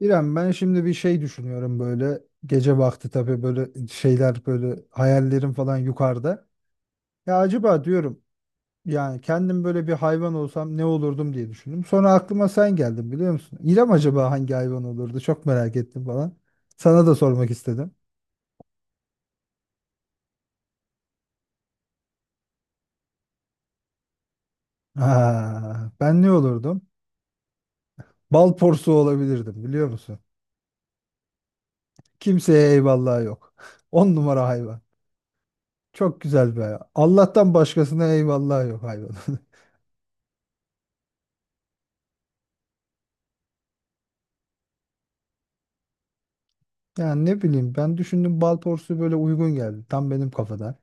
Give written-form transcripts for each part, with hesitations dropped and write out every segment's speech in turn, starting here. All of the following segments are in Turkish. İrem, ben şimdi bir şey düşünüyorum böyle gece vakti. Tabii böyle şeyler, böyle hayallerim falan yukarıda. Ya acaba diyorum, yani kendim böyle bir hayvan olsam ne olurdum diye düşündüm. Sonra aklıma sen geldin, biliyor musun? İrem, acaba hangi hayvan olurdu çok merak ettim falan. Sana da sormak istedim. Ha, ben ne olurdum? Bal porsuğu olabilirdim, biliyor musun? Kimseye eyvallah yok. On numara hayvan. Çok güzel bir hayvan. Allah'tan başkasına eyvallah yok hayvan. Yani ne bileyim, ben düşündüm, bal porsu böyle uygun geldi. Tam benim kafada.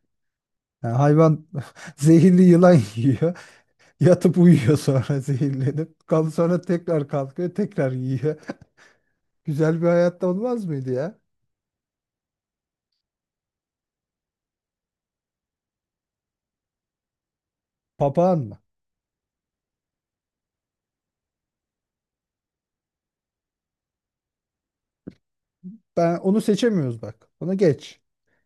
Yani hayvan zehirli yılan yiyor. Yatıp uyuyor sonra zehirlenip. Kal sonra tekrar kalkıyor, tekrar yiyor. Güzel bir hayatta olmaz mıydı ya? Papağan mı? Ben onu seçemiyoruz bak. Onu geç.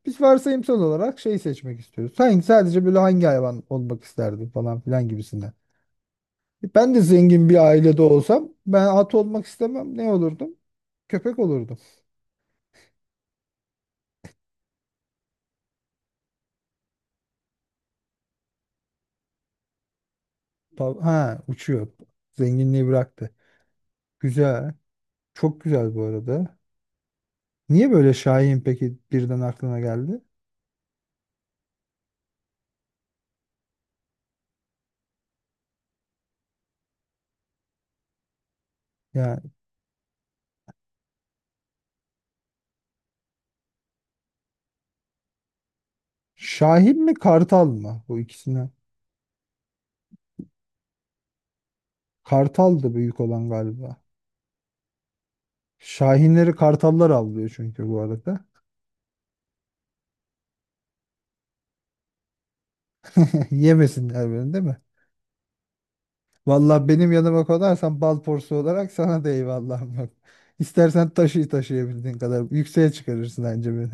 Biz varsayımsal olarak şey seçmek istiyoruz. Sen sadece böyle hangi hayvan olmak isterdin falan filan gibisinden. Ben de zengin bir ailede olsam ben at olmak istemem. Ne olurdum? Köpek olurdum. Ha, uçuyor. Zenginliği bıraktı. Güzel. Çok güzel bu arada. Niye böyle şahin peki birden aklına geldi? Yani şahin mi, kartal mı bu ikisinden? Kartal da büyük olan galiba. Şahinleri kartallar avlıyor çünkü bu arada. Yemesinler beni, değil mi? Vallahi benim yanıma konarsan bal porsu olarak sana da eyvallahım yok. İstersen taşı taşıyabildiğin kadar yükseğe çıkarırsın bence beni.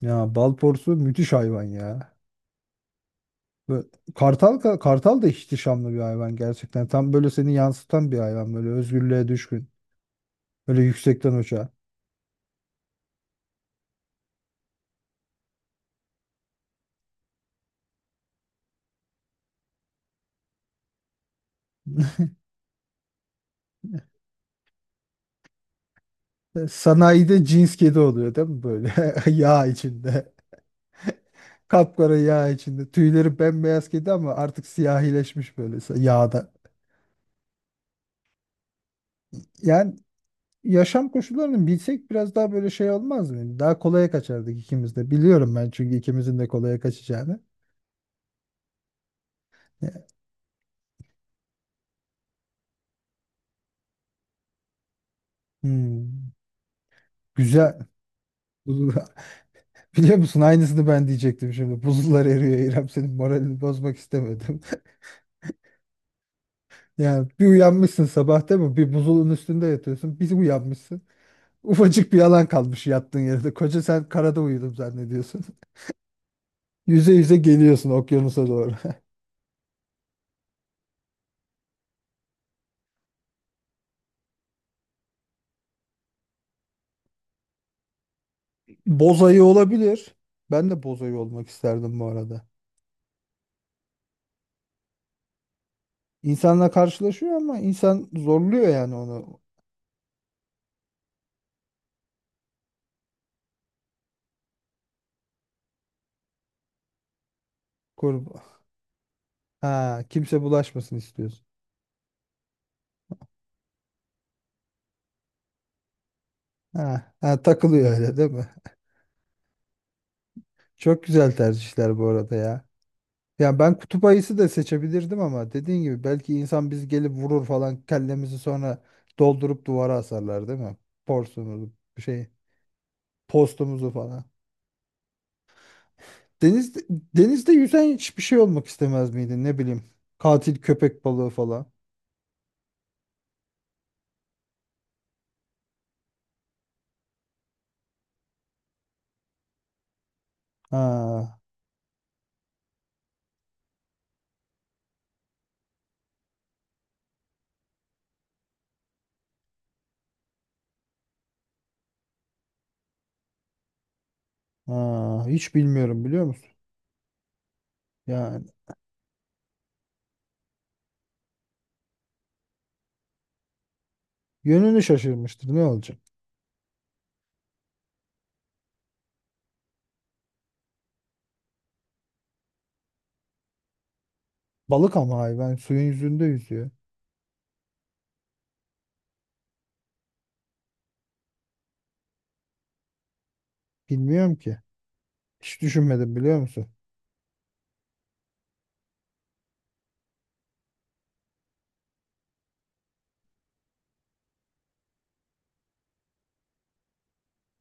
Ya bal porsu müthiş hayvan ya. Ve kartal, kartal da ihtişamlı bir hayvan gerçekten. Tam böyle seni yansıtan bir hayvan, böyle özgürlüğe düşkün. Böyle yüksekten uçağa. Sanayide cins kedi oluyor değil mi böyle? Yağ içinde. Kapkara yağ içinde. Tüyleri bembeyaz kedi ama artık siyahileşmiş böyle yağda. Yani yaşam koşullarını bilsek biraz daha böyle şey olmaz mı? Daha kolaya kaçardık ikimiz de. Biliyorum ben çünkü ikimizin de kolaya kaçacağını. E, Hmm, güzel. Biliyor musun aynısını ben diyecektim şimdi. Buzullar eriyor İrem, senin moralini bozmak istemedim. Yani bir uyanmışsın sabah, değil mi? Bir buzulun üstünde yatıyorsun. Bir uyanmışsın. Ufacık bir alan kalmış yattığın yerde. Koca sen karada uyudum zannediyorsun. Yüze yüze geliyorsun okyanusa doğru. Boz ayı olabilir. Ben de boz ayı olmak isterdim bu arada. İnsanla karşılaşıyor ama insan zorluyor yani onu. Koru- Ha, kimse bulaşmasın istiyorsun. Ha, ha, takılıyor öyle değil mi? Çok güzel tercihler bu arada ya. Yani ben kutup ayısı da seçebilirdim ama dediğin gibi belki insan biz gelip vurur falan kellemizi, sonra doldurup duvara asarlar değil mi? Porsumuzu, şey, postumuzu falan. Deniz, denizde yüzen hiçbir şey olmak istemez miydin, ne bileyim, katil köpek balığı falan. Ha, ha, hiç bilmiyorum, biliyor musun? Yani yönünü şaşırmıştır, ne olacak? Balık ama hayvan suyun yüzünde yüzüyor. Bilmiyorum ki. Hiç düşünmedim, biliyor musun?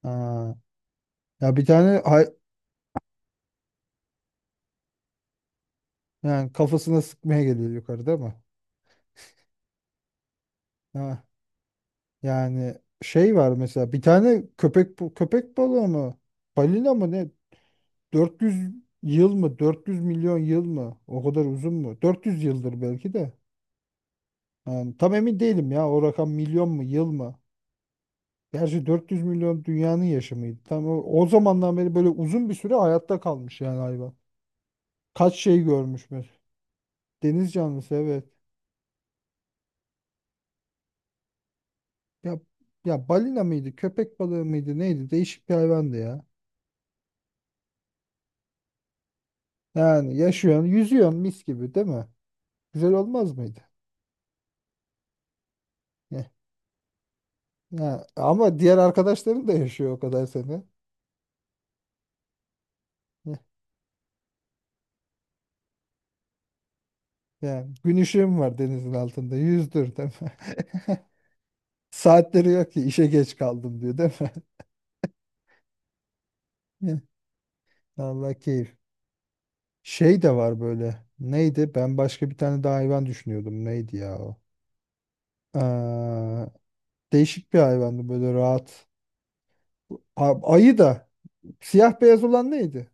Ha. Ya bir tane yani kafasına sıkmaya geliyor yukarıda ama. Ha, yani şey var mesela, bir tane köpek balığı mı? Balina mı ne? 400 yıl mı? 400 milyon yıl mı? O kadar uzun mu? 400 yıldır belki de. Yani tam emin değilim ya o rakam, milyon mu, yıl mı? Gerçi 400 milyon dünyanın yaşamıydı. Tam o zamandan beri böyle uzun bir süre hayatta kalmış yani hayvan. Kaç şey görmüş mü? Deniz canlısı, evet. Ya, ya balina mıydı, köpek balığı mıydı, neydi? Değişik bir hayvandı ya. Yani yaşıyorsun, yüzüyorsun mis gibi, değil mi? Güzel olmaz mıydı? Heh. Ya, ama diğer arkadaşların da yaşıyor o kadar seni. Heh. Yani gün ışığım var denizin altında. Yüzdür, değil mi? Saatleri yok ki işe geç kaldım diyor değil mi? Heh. Allah keyif. Şey de var böyle. Neydi? Ben başka bir tane daha hayvan düşünüyordum. Neydi ya o? Aa, değişik bir hayvandı böyle rahat. Ayı da. Siyah beyaz olan neydi?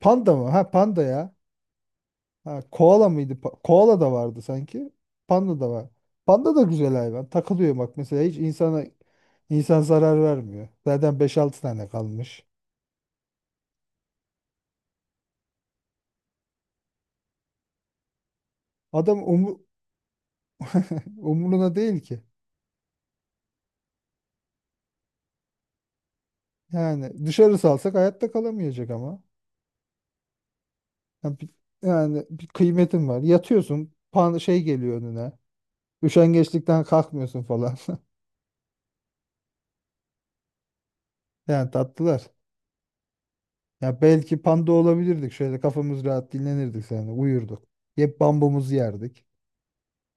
Panda mı? Ha, panda ya. Ha, koala mıydı? Koala da vardı sanki. Panda da var. Panda da güzel hayvan. Takılıyor bak mesela, hiç insana insan zarar vermiyor. Zaten beş altı tane kalmış. Adam umuruna değil ki. Yani dışarı salsak hayatta kalamayacak ama. Yani yani bir kıymetin var. Yatıyorsun, pan şey geliyor önüne. Üşengeçlikten kalkmıyorsun falan. Yani tatlılar. Ya belki panda olabilirdik. Şöyle kafamız rahat dinlenirdik yani, uyurduk. Hep bambumuzu yerdik.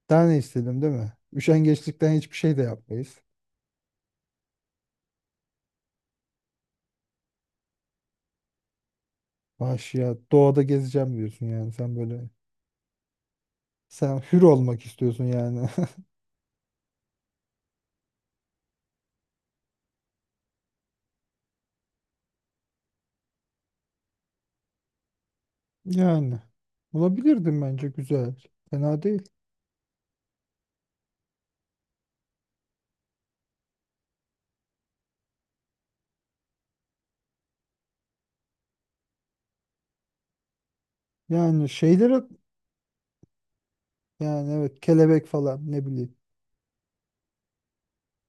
Daha ne istedim, değil mi? Üşengeçlikten hiçbir şey de yapmayız. Vahşi doğada gezeceğim diyorsun yani sen, sen hür olmak istiyorsun yani. Yani bulabilirdim bence, güzel. Fena değil. Yani şeylere, yani evet, kelebek falan, ne bileyim.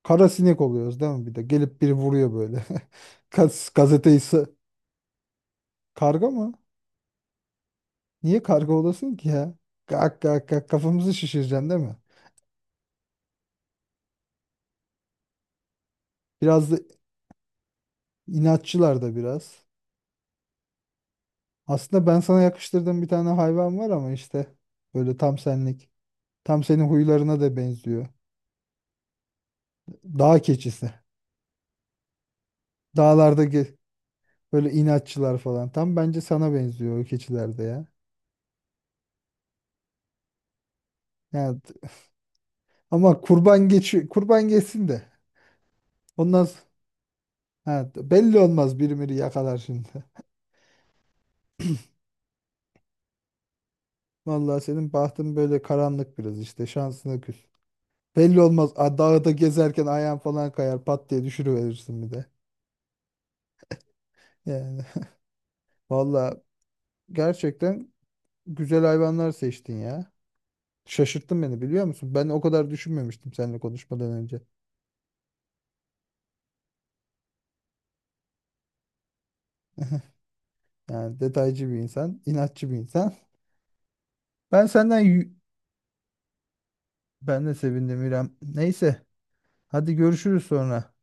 Kara sinek oluyoruz değil mi bir de? Gelip biri vuruyor böyle. Gazeteyi karga mı? Niye karga olasın ki ya? Gak gak gak kafamızı şişireceksin değil mi? Biraz da inatçılar da biraz. Aslında ben sana yakıştırdığım bir tane hayvan var ama işte böyle tam senlik. Tam senin huylarına da benziyor. Dağ keçisi. Dağlarda ge- böyle inatçılar falan. Tam bence sana benziyor o keçilerde ya. Yani, ama kurban geçi kurban geçsin de. Ondan s- ha, belli olmaz, biri miri yakalar şimdi. Vallahi senin bahtın böyle karanlık biraz, işte şansına küs. Belli olmaz. A, dağda gezerken ayağın falan kayar, pat diye düşürüverirsin bir de. Yani vallahi gerçekten güzel hayvanlar seçtin ya. Şaşırttın beni, biliyor musun? Ben o kadar düşünmemiştim seninle konuşmadan önce. Yani detaycı bir insan, inatçı bir insan. Ben senden yü- ben de sevindim İrem. Neyse, hadi görüşürüz sonra.